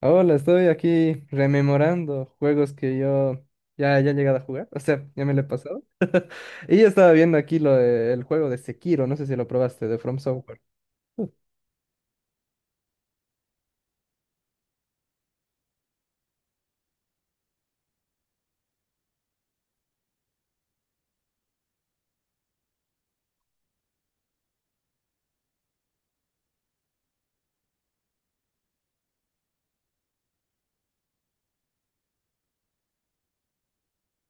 Hola, estoy aquí rememorando juegos que yo ya he llegado a jugar, o sea, ya me lo he pasado. Y yo estaba viendo aquí el juego de Sekiro, no sé si lo probaste, de From Software. Uh,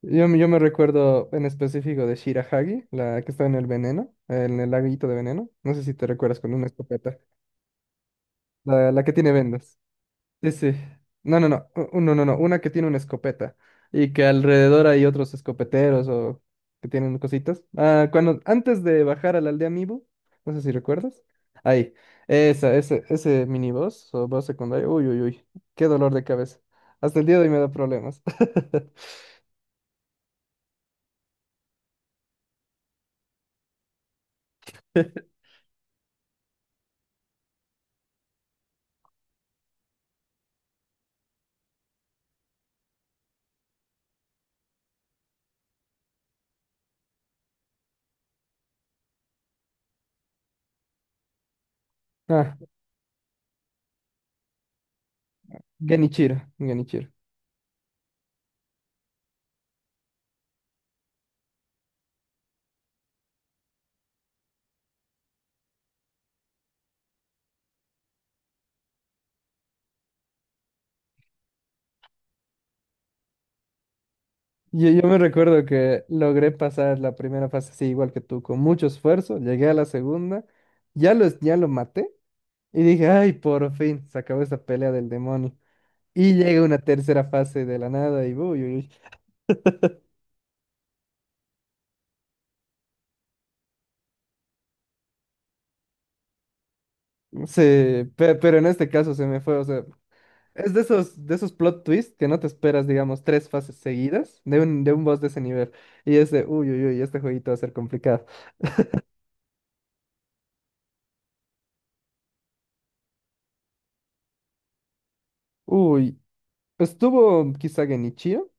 yo me recuerdo en específico de Shirahagi, la que está en el veneno, en el laguito de veneno. No sé si te recuerdas con una escopeta. La que tiene vendas. Sí, sí. No, no, no. No, no, no. Una que tiene una escopeta. Y que alrededor hay otros escopeteros o que tienen cositas. Ah, cuando, antes de bajar a la aldea Mibu, no sé si recuerdas. Ahí. Ese miniboss o boss secundario. Uy, uy, uy. Qué dolor de cabeza. Hasta el día de hoy me da problemas. Ah, Genichiro. Genichiro. Yo me recuerdo que logré pasar la primera fase así igual que tú, con mucho esfuerzo, llegué a la segunda, ya lo maté y dije, ay, por fin, se acabó esa pelea del demonio. Y llega una tercera fase de la nada y uy, uy, uy, pero en este caso se me fue, o sea, es de esos plot twists que no te esperas, digamos, tres fases seguidas de un boss de ese nivel. Y es de, uy, uy, uy, este jueguito va a ser complicado. Uy, estuvo quizá Genichiro.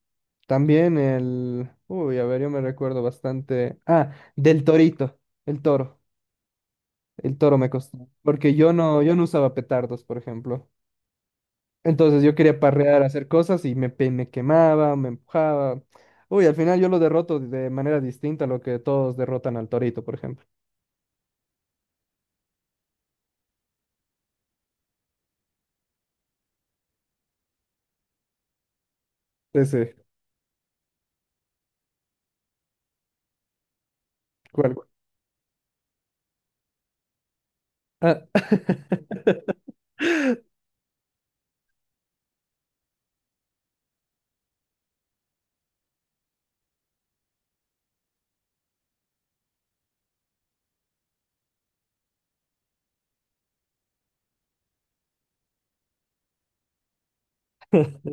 También el... Uy, a ver, yo me recuerdo bastante. Ah, del torito, el toro. El toro me costó. Porque yo no usaba petardos, por ejemplo. Entonces yo quería parrear, hacer cosas y me quemaba, me empujaba. Uy, al final yo lo derroto de manera distinta a lo que todos derrotan al torito, por ejemplo. Ese, ¿cuál? Ah,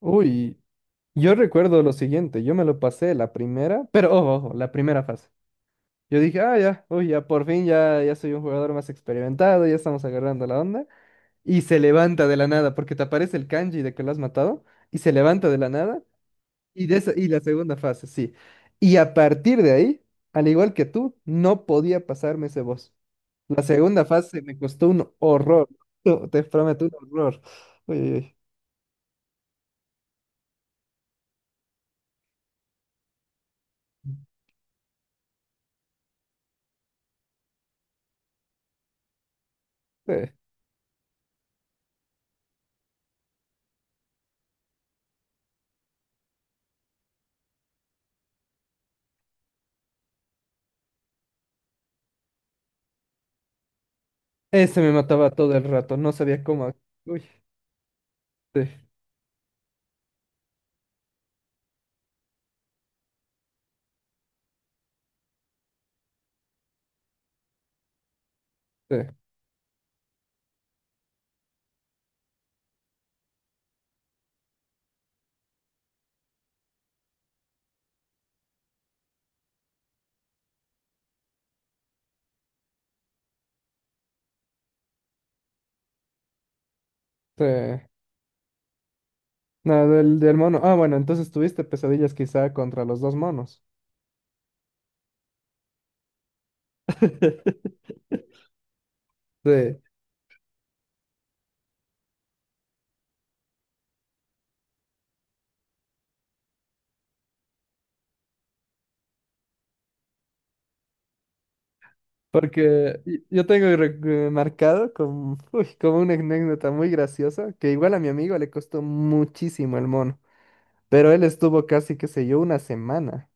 Uy, yo recuerdo lo siguiente, yo me lo pasé la primera, pero ojo, ojo, la primera fase. Yo dije, ah, ya, uy, ya por fin, ya, ya soy un jugador más experimentado, ya estamos agarrando la onda. Y se levanta de la nada, porque te aparece el kanji de que lo has matado, y se levanta de la nada, y, y la segunda fase, sí. Y a partir de ahí, al igual que tú, no podía pasarme ese boss. La segunda fase me costó un horror, te prometo, un horror. Uy, uy, uy. Sí. Ese me mataba todo el rato, no sabía cómo. Uy, sí, sí, sí. No, del mono. Ah, bueno, entonces tuviste pesadillas quizá contra los dos monos. Sí, porque yo tengo marcado como, uy, como una anécdota muy graciosa, que igual a mi amigo le costó muchísimo el mono, pero él estuvo casi, qué sé yo, una semana.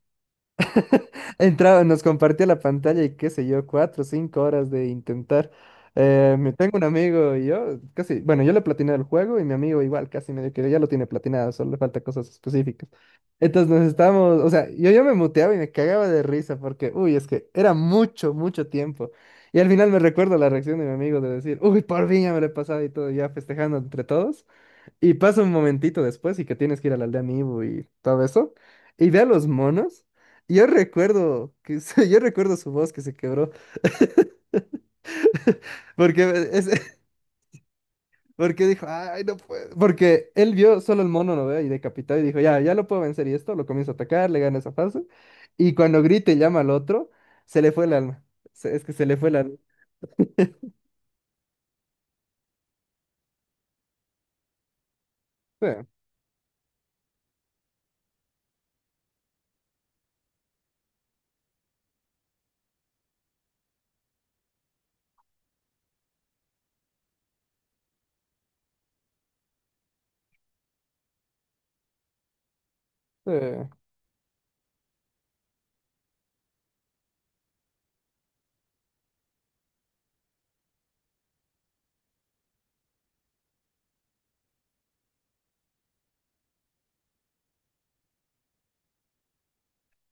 Entraba, nos compartía la pantalla y qué sé yo, 4 o 5 horas de intentar. Me tengo un amigo y yo, casi, bueno, yo le platiné el juego y mi amigo igual, casi medio que ya lo tiene platinado, solo le falta cosas específicas. Entonces nos estábamos, o sea, yo ya me muteaba y me cagaba de risa porque, uy, es que era mucho, mucho tiempo. Y al final me recuerdo la reacción de mi amigo de decir, uy, por fin ya me lo he pasado y todo, ya festejando entre todos. Y pasa un momentito después y que tienes que ir a la aldea Amiibo y todo eso. Y ve a los monos. Yo recuerdo que yo recuerdo su voz que se quebró. Porque es, porque dijo, ay, no puedo. Porque él vio solo el mono, ¿no ve? Y decapitado y dijo, ya, ya lo puedo vencer. Y esto lo comienza a atacar, le gana esa fase. Y cuando grita y llama al otro, se le fue el alma. Es que se le fue el alma. Sí, sí.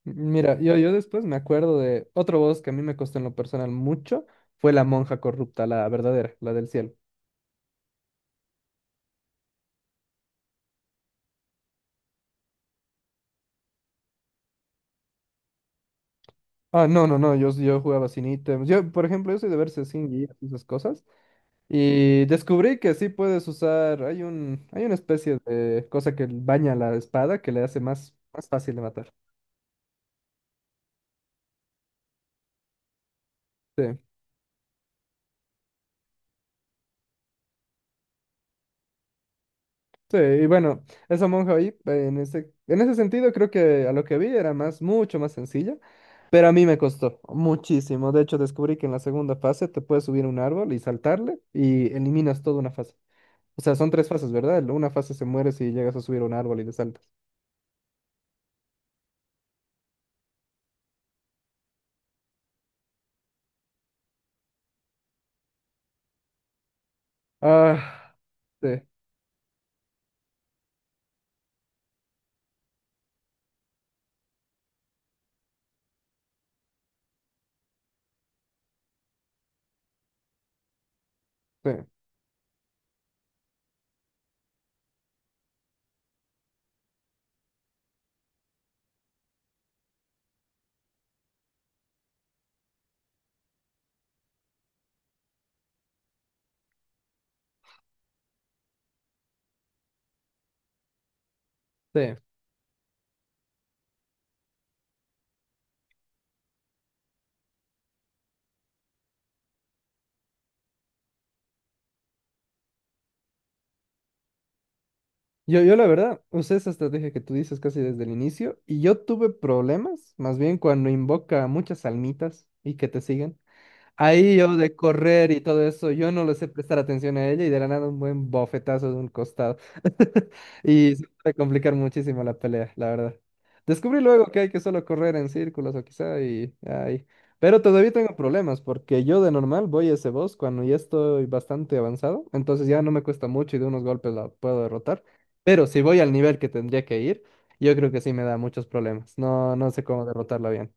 Mira, yo después me acuerdo de otro voz que a mí me costó en lo personal mucho. Fue la monja corrupta, la verdadera, la del cielo. Ah, no, no, no, yo jugaba sin ítems. Yo, por ejemplo, yo soy de verse sin guías y esas cosas. Y descubrí que sí puedes usar, hay una especie de cosa que baña la espada que le hace más, más fácil de matar. Sí, sí, y bueno, esa monja ahí, en ese sentido, creo que a lo que vi era más, mucho más sencilla, pero a mí me costó muchísimo. De hecho, descubrí que en la segunda fase te puedes subir a un árbol y saltarle y eliminas toda una fase. O sea, son tres fases, ¿verdad? Una fase se muere si llegas a subir a un árbol y le saltas. Ah, sí, sí, sí. Yo la verdad usé esa estrategia que tú dices casi desde el inicio y yo tuve problemas, más bien cuando invoca muchas almitas y que te siguen. Ahí yo de correr y todo eso, yo no le sé prestar atención a ella y de la nada un buen bofetazo de un costado. Y se puede complicar muchísimo la pelea, la verdad. Descubrí luego que hay que solo correr en círculos o quizá y ahí. Pero todavía tengo problemas porque yo de normal voy a ese boss cuando ya estoy bastante avanzado, entonces ya no me cuesta mucho y de unos golpes la puedo derrotar. Pero si voy al nivel que tendría que ir, yo creo que sí me da muchos problemas. No, no sé cómo derrotarla bien.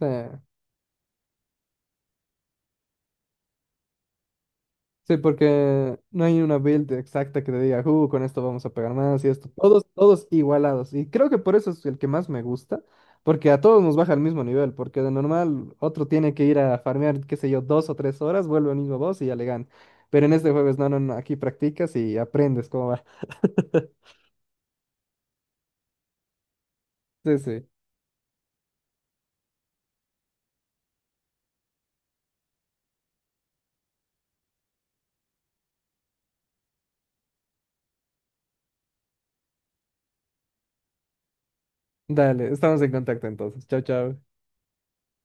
sí Sí, porque no hay una build exacta que te diga, con esto vamos a pegar más y esto. Todos, todos igualados. Y creo que por eso es el que más me gusta, porque a todos nos baja al mismo nivel, porque de normal otro tiene que ir a farmear, qué sé yo, 2 o 3 horas, vuelve al mismo boss y ya le gana. Pero en este juego es, no, no, no, aquí practicas y aprendes cómo va. Sí, sí. Dale, estamos en contacto entonces. Chao, chao.